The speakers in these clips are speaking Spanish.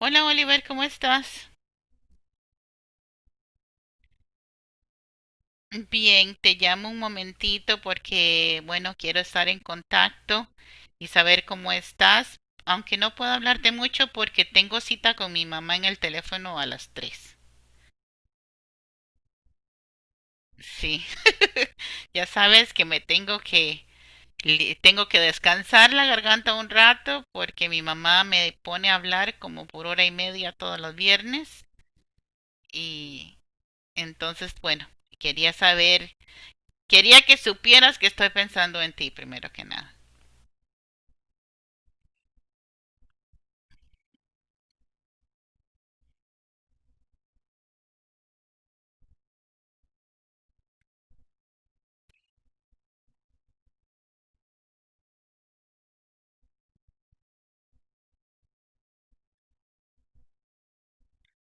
Hola, Oliver, ¿cómo estás? Bien, te llamo un momentito porque, bueno, quiero estar en contacto y saber cómo estás, aunque no puedo hablarte mucho porque tengo cita con mi mamá en el teléfono a las 3:00. Sí, ya sabes que me tengo que tengo que descansar la garganta un rato porque mi mamá me pone a hablar como por hora y media todos los viernes y entonces, bueno, quería saber. Quería que supieras que estoy pensando en ti primero que nada.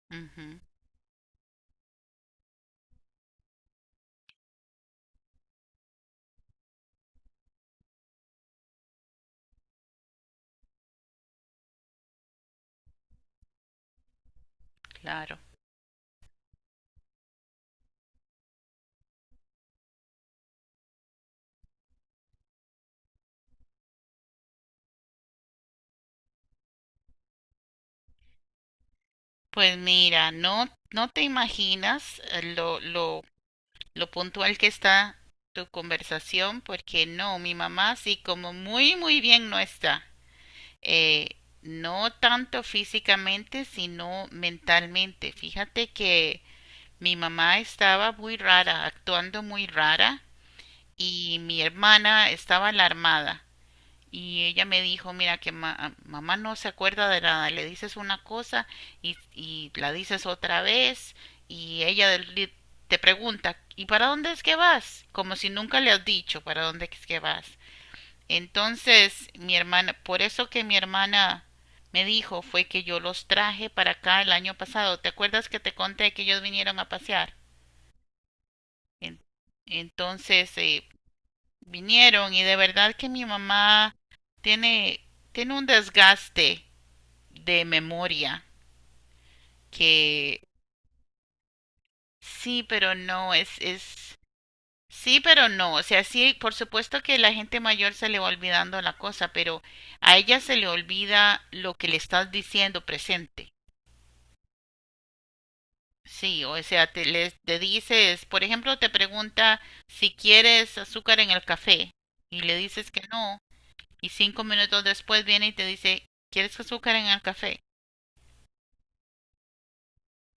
Ujú, claro. Pues mira, no, no te imaginas lo puntual que está tu conversación, porque no, mi mamá sí como muy, muy bien no está. Eh, no tanto físicamente, sino mentalmente. Fíjate que mi mamá estaba muy rara, actuando muy rara, y mi hermana estaba alarmada. Y ella me dijo, mira que mamá no se acuerda de nada, le dices una cosa y la dices otra vez y ella te pregunta, ¿y para dónde es que vas? Como si nunca le has dicho para dónde es que vas. Entonces, mi hermana, por eso que mi hermana me dijo fue que yo los traje para acá el año pasado. ¿Te acuerdas que te conté que ellos vinieron a pasear? En- entonces, vinieron y de verdad que mi mamá tiene un desgaste de memoria que sí, pero no, es, sí, pero no. O sea, sí, por supuesto que la gente mayor se le va olvidando la cosa, pero a ella se le olvida lo que le estás diciendo presente. Sí, o sea, te dices, por ejemplo, te pregunta si quieres azúcar en el café y le dices que no, y 5 minutos después viene y te dice, ¿quieres azúcar en el café?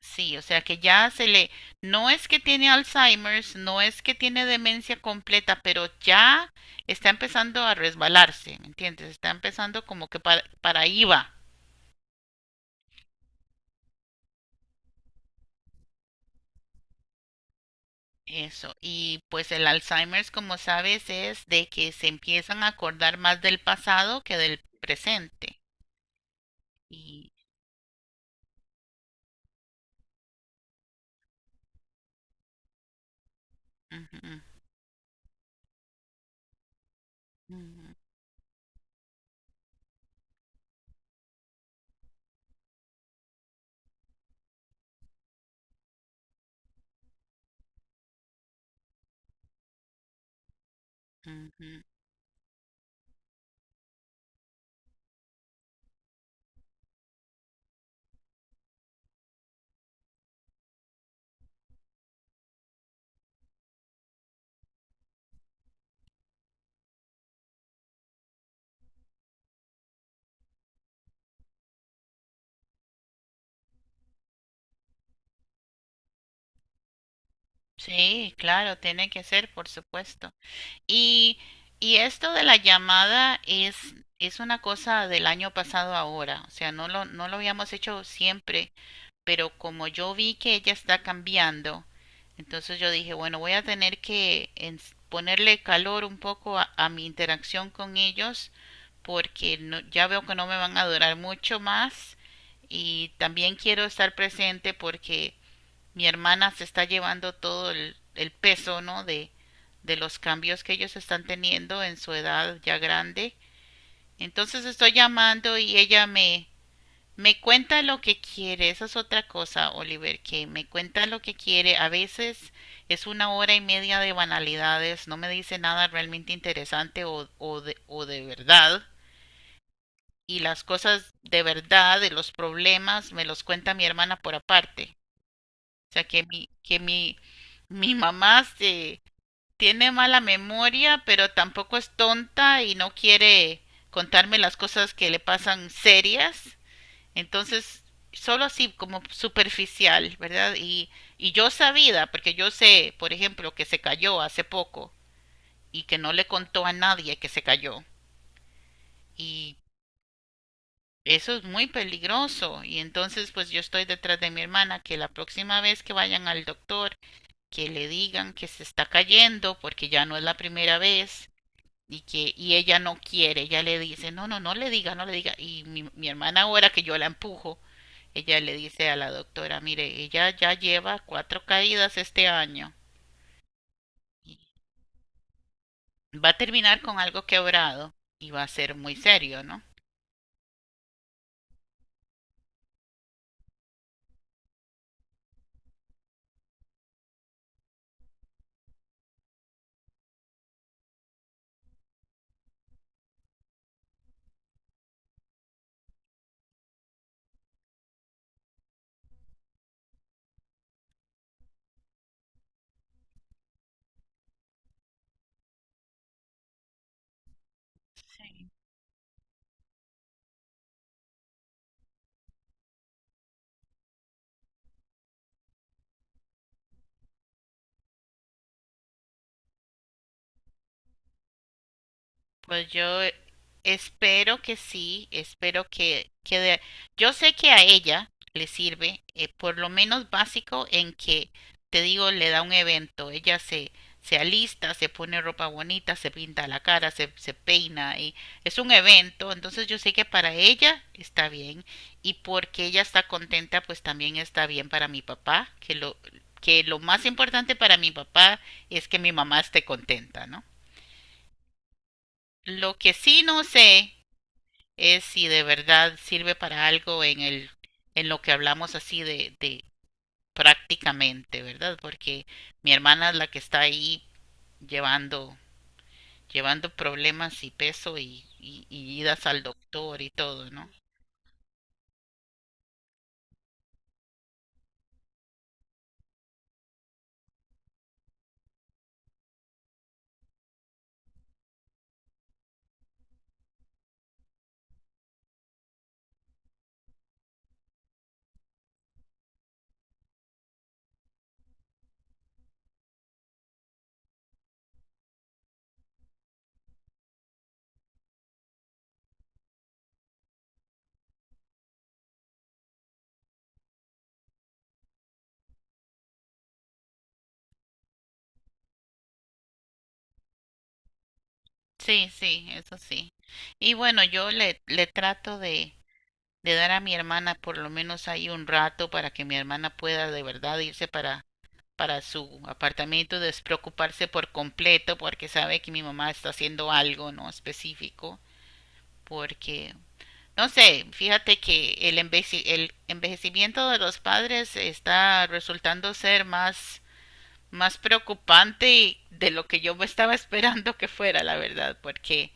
Sí, o sea que ya se le, no es que tiene Alzheimer's, no es que tiene demencia completa, pero ya está empezando a resbalarse, ¿me entiendes? Está empezando como que para ahí va eso. Y pues el Alzheimer's, como sabes, es de que se empiezan a acordar más del pasado que del presente. Y ujú, ujú, ujú. Sí, claro, tiene que ser, por supuesto. Y, y esto de la llamada es una cosa del año pasado ahora, o sea, no lo habíamos hecho siempre, pero como yo vi que ella está cambiando, entonces yo dije, bueno, voy a tener que ponerle calor un poco a mi interacción con ellos porque ya veo que no me van a durar mucho más y también quiero estar presente porque mi hermana se está llevando todo el peso, ¿no? De los cambios que ellos están teniendo en su edad ya grande. Entonces estoy llamando y me cuenta lo que quiere. Esa es otra cosa, Oliver, que me cuenta lo que quiere. A veces es una hora y media de banalidades, no me dice nada realmente interesante o de verdad. Y las cosas de verdad, de los problemas, me los cuenta mi hermana por aparte. O sea, mi mamá se tiene mala memoria, pero tampoco es tonta y no quiere contarme las cosas que le pasan serias. Entonces, solo así como superficial, ¿verdad? Y yo sabida, porque yo sé, por ejemplo, que se cayó hace poco y que no le contó a nadie que se cayó. Y eso es muy peligroso. Y entonces, pues yo estoy detrás de mi hermana, que la próxima vez que vayan al doctor, que le digan que se está cayendo, porque ya no es la primera vez y que y ella no quiere, ella le dice, no, no, no le diga, no le diga. Y mi hermana ahora que yo la empujo, ella le dice a la doctora, mire, ella ya lleva 4 caídas este año, y va a terminar con algo quebrado y va a ser muy serio, ¿no? Sí. Pues yo espero que sí, espero que, yo sé que a ella le sirve, por lo menos básico, en que, te digo, le da un evento, se alista, se pone ropa bonita, se pinta la cara, se peina, y es un evento, entonces yo sé que para ella está bien, y porque ella está contenta, pues también está bien para mi papá, que lo más importante para mi papá es que mi mamá esté contenta, ¿no? Lo que sí no sé es si de verdad sirve para algo en el, en lo que hablamos así de prácticamente, ¿verdad? Porque mi hermana es la que está ahí llevando, llevando problemas y peso y idas al doctor y todo, ¿no? Sí, sí, eso sí. Y bueno, yo le trato de dar a mi hermana por lo menos ahí un rato para que mi hermana pueda de verdad irse para su apartamento, despreocuparse por completo porque sabe que mi mamá está haciendo algo no específico, porque no sé, fíjate que el envejecimiento de los padres está resultando ser más preocupante de lo que yo me estaba esperando que fuera, la verdad, porque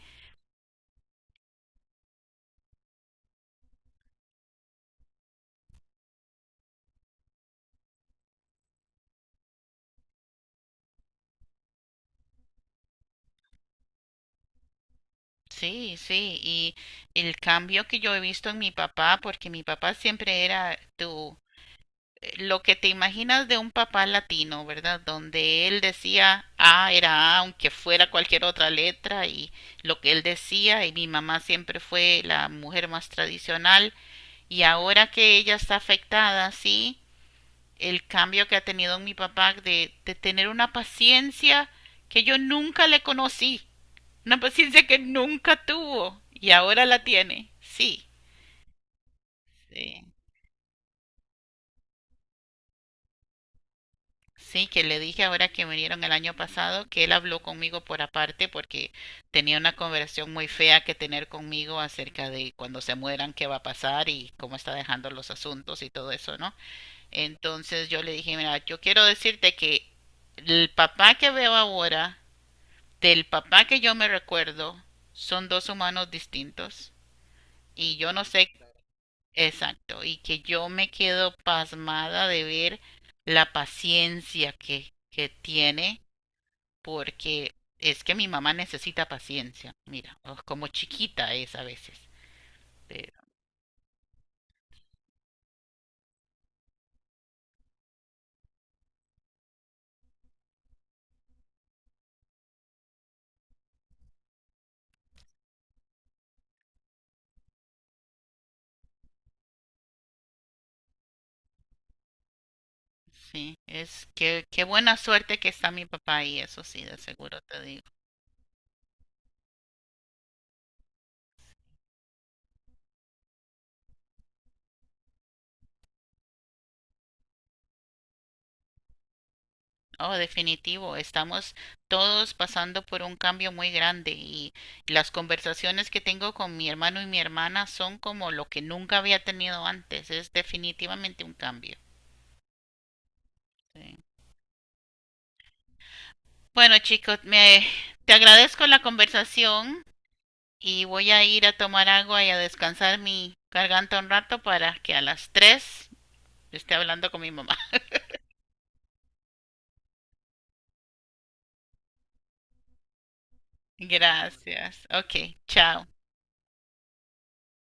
sí, sí, y el cambio que yo he visto en mi papá, porque mi papá siempre era tu lo que te imaginas de un papá latino, ¿verdad? Donde él decía A era A, aunque fuera cualquier otra letra, y lo que él decía, y mi mamá siempre fue la mujer más tradicional, y ahora que ella está afectada, sí, el cambio que ha tenido en mi papá de tener una paciencia que yo nunca le conocí, una paciencia que nunca tuvo, y ahora la tiene, sí, sí. Sí, que le dije ahora que vinieron el año pasado que él habló conmigo por aparte porque tenía una conversación muy fea que tener conmigo acerca de cuando se mueran, qué va a pasar y cómo está dejando los asuntos y todo eso, ¿no? Entonces yo le dije, mira, yo quiero decirte que el papá que veo ahora, del papá que yo me recuerdo, son dos humanos distintos y yo no sé, exacto, y que yo me quedo pasmada de ver la paciencia que tiene porque es que mi mamá necesita paciencia. Mira, oh, como chiquita es a veces. Pero sí, es que qué buena suerte que está mi papá y eso sí, de seguro te digo. Oh, definitivo, estamos todos pasando por un cambio muy grande y las conversaciones que tengo con mi hermano y mi hermana son como lo que nunca había tenido antes. Es definitivamente un cambio. Sí. Bueno, chicos, te agradezco la conversación. Y voy a ir a tomar agua y a descansar mi garganta un rato para que a las 3:00 esté hablando con mi mamá. Gracias. Ok, chao.